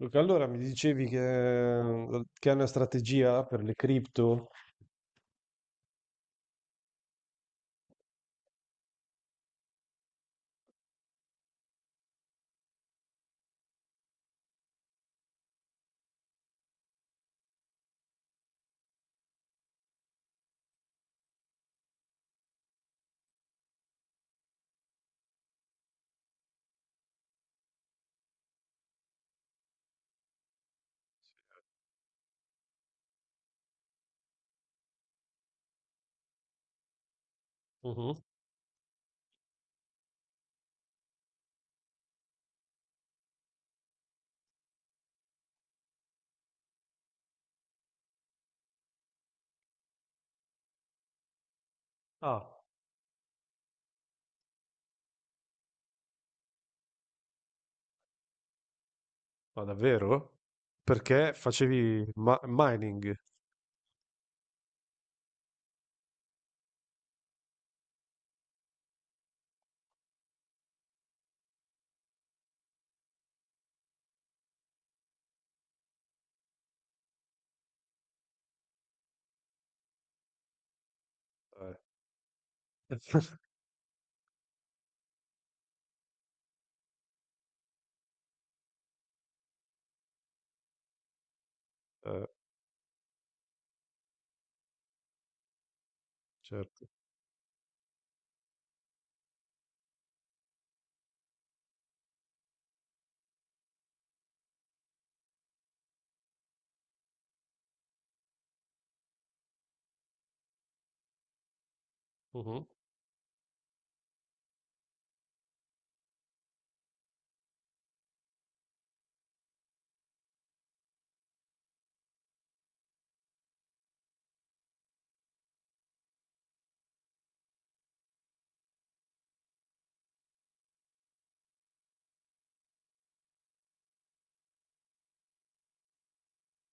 Luca, allora mi dicevi che è una strategia per le cripto? Mhm. Ah, ma davvero? Perché facevi mining? Eh, eh, certo. Mhm.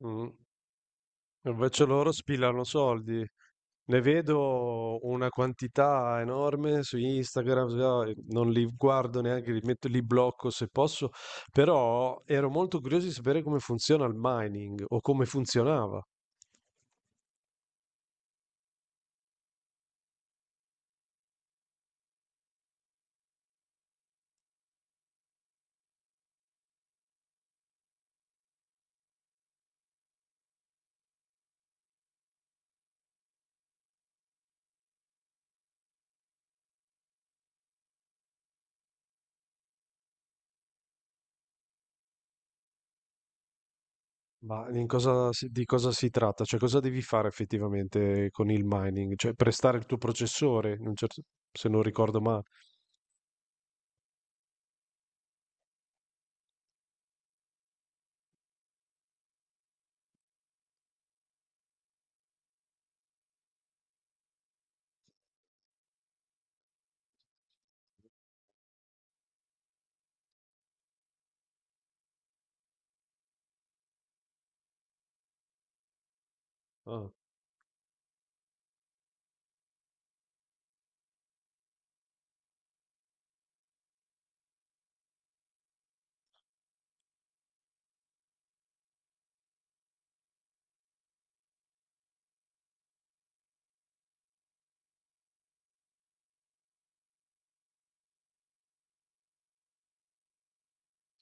Mm. Invece loro spillano soldi. Ne vedo una quantità enorme su Instagram, non li guardo neanche, li metto, li blocco se posso, però ero molto curioso di sapere come funziona il mining o come funzionava. Ma in di cosa si tratta? Cioè, cosa devi fare effettivamente con il mining? Cioè, prestare il tuo processore, in un certo, se non ricordo male. Ah,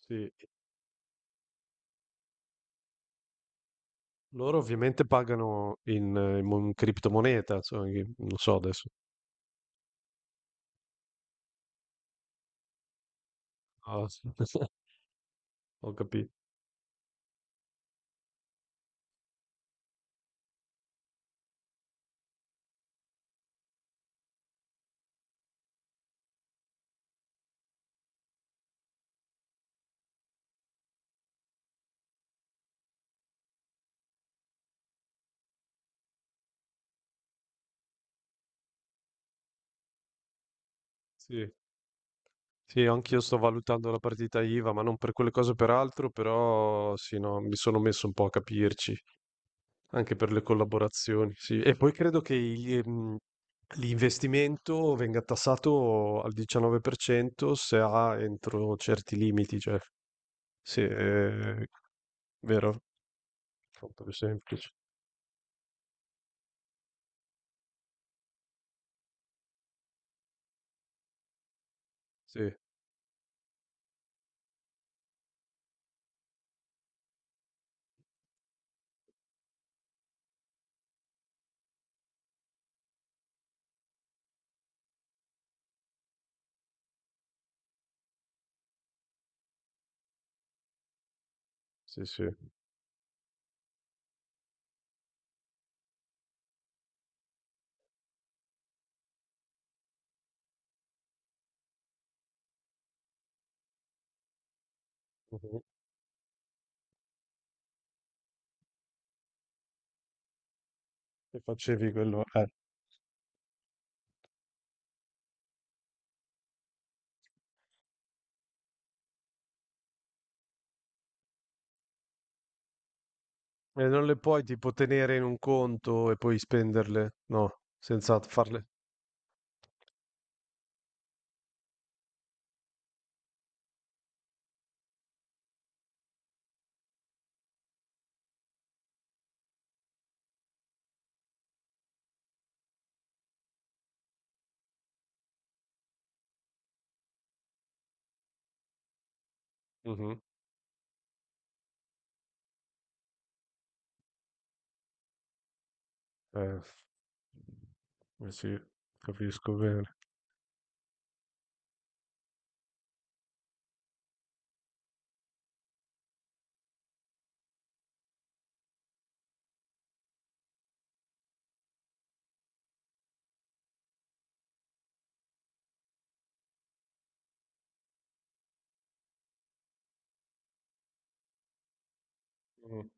sì. Loro ovviamente pagano in, in criptomoneta, insomma, che non so adesso. Ah, sì. Ho capito. Sì. Sì, anch'io sto valutando la partita IVA, ma non per quelle cose, per altro, però sì, no, mi sono messo un po' a capirci. Anche per le collaborazioni, sì. E poi credo che gli, l'investimento venga tassato al 19% se ha entro certi limiti, cioè, sì, vero? Molto più semplice. Sì, sì, sì. Mhm. E facevi quello, eh. E non le puoi tipo tenere in un conto e poi spenderle, no, senza farle. Mhm. Eh, eh sì, capisco bene. Mhm.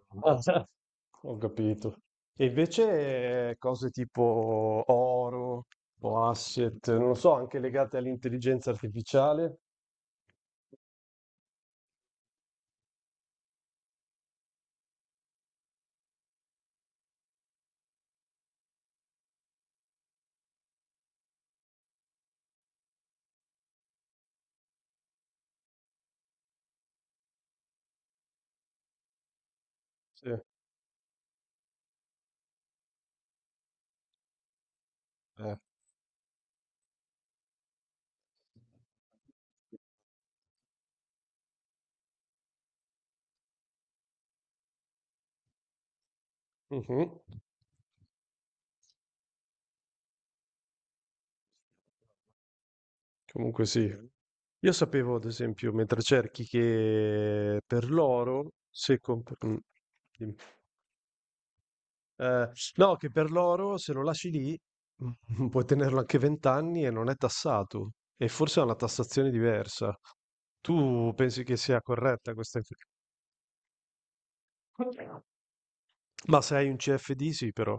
Ah, ho capito. E invece cose tipo oro o asset, non lo so, anche legate all'intelligenza artificiale. Sì, eh. Mhm. Comunque sì. Io sapevo, ad esempio, mentre cerchi, che per l'oro, se dimmi. Eh, no, che per l'oro se lo lasci lì, mm, puoi tenerlo anche 20 anni e non è tassato. E forse ha una tassazione diversa. Tu pensi che sia corretta questa inf, ma se hai un CFD sì però.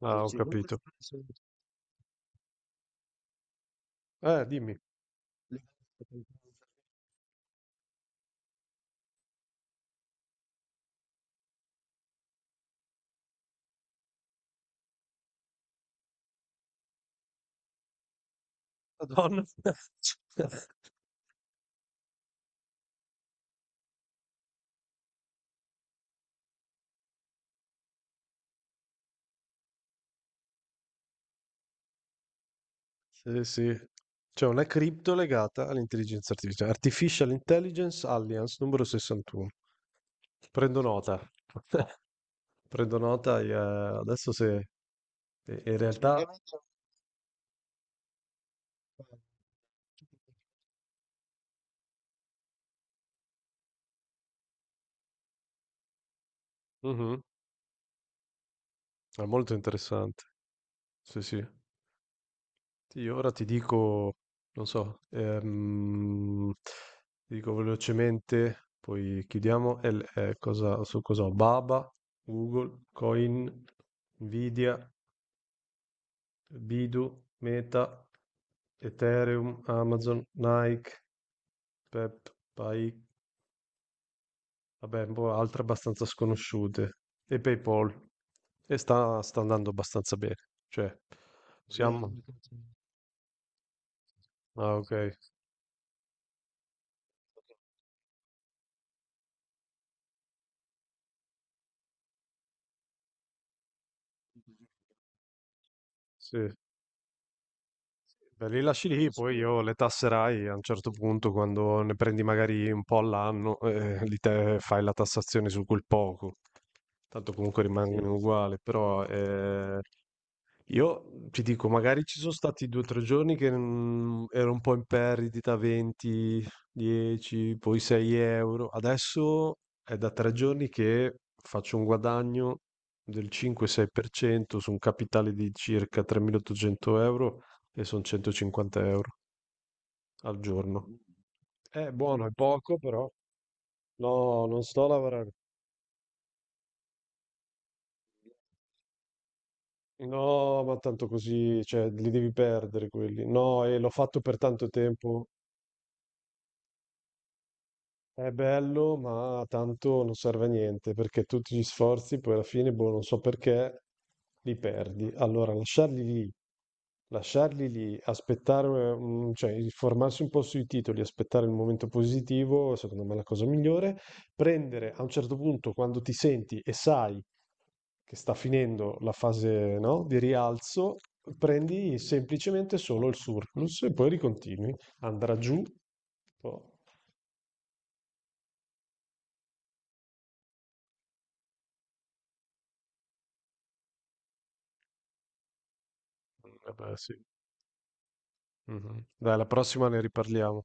Ah, ho sì, capito. Dimmi. Sì, sì. C'è una cripto legata all'intelligenza artificiale. Artificial Intelligence Alliance numero 61. Prendo nota. Prendo nota e, adesso se e in realtà, mh-mh, è molto interessante. Sì, sì. Sì, io ora ti dico, non so, ti dico velocemente, poi chiudiamo. È cosa, su cosa ho? Baba, Google, Coin, Nvidia, Bidu, Meta, Ethereum, Amazon, Nike, Pai, vabbè, un po' altre abbastanza sconosciute, e PayPal, e sta andando abbastanza bene, cioè, siamo... Ah, ok, sì. Beh, li lasci lì, poi io le tasserai a un certo punto, quando ne prendi magari un po' all'anno, lì te fai la tassazione su quel poco. Tanto comunque sì, rimangono uguali, però io ti dico, magari ci sono stati due o tre giorni che mm, ero un po' in perdita, 20, 10, poi 6 euro. Adesso è da tre giorni che faccio un guadagno del 5-6% su un capitale di circa 3.800 euro e sono 150 euro al giorno. È buono, è poco, però no, non sto a lavorare. No, ma tanto così, cioè, li devi perdere quelli. No, e l'ho fatto per tanto tempo. È bello, ma tanto non serve a niente perché tutti gli sforzi poi alla fine, boh, non so perché, li perdi. Allora, lasciarli lì, aspettare, mm, cioè informarsi un po' sui titoli, aspettare il momento positivo, secondo me è la cosa migliore. Prendere a un certo punto, quando ti senti e sai che sta finendo la fase, no, di rialzo, prendi semplicemente solo il surplus e poi ricontinui. Andrà giù. Boh, vabbè, sì. Mh-mh. Dai, alla prossima ne riparliamo.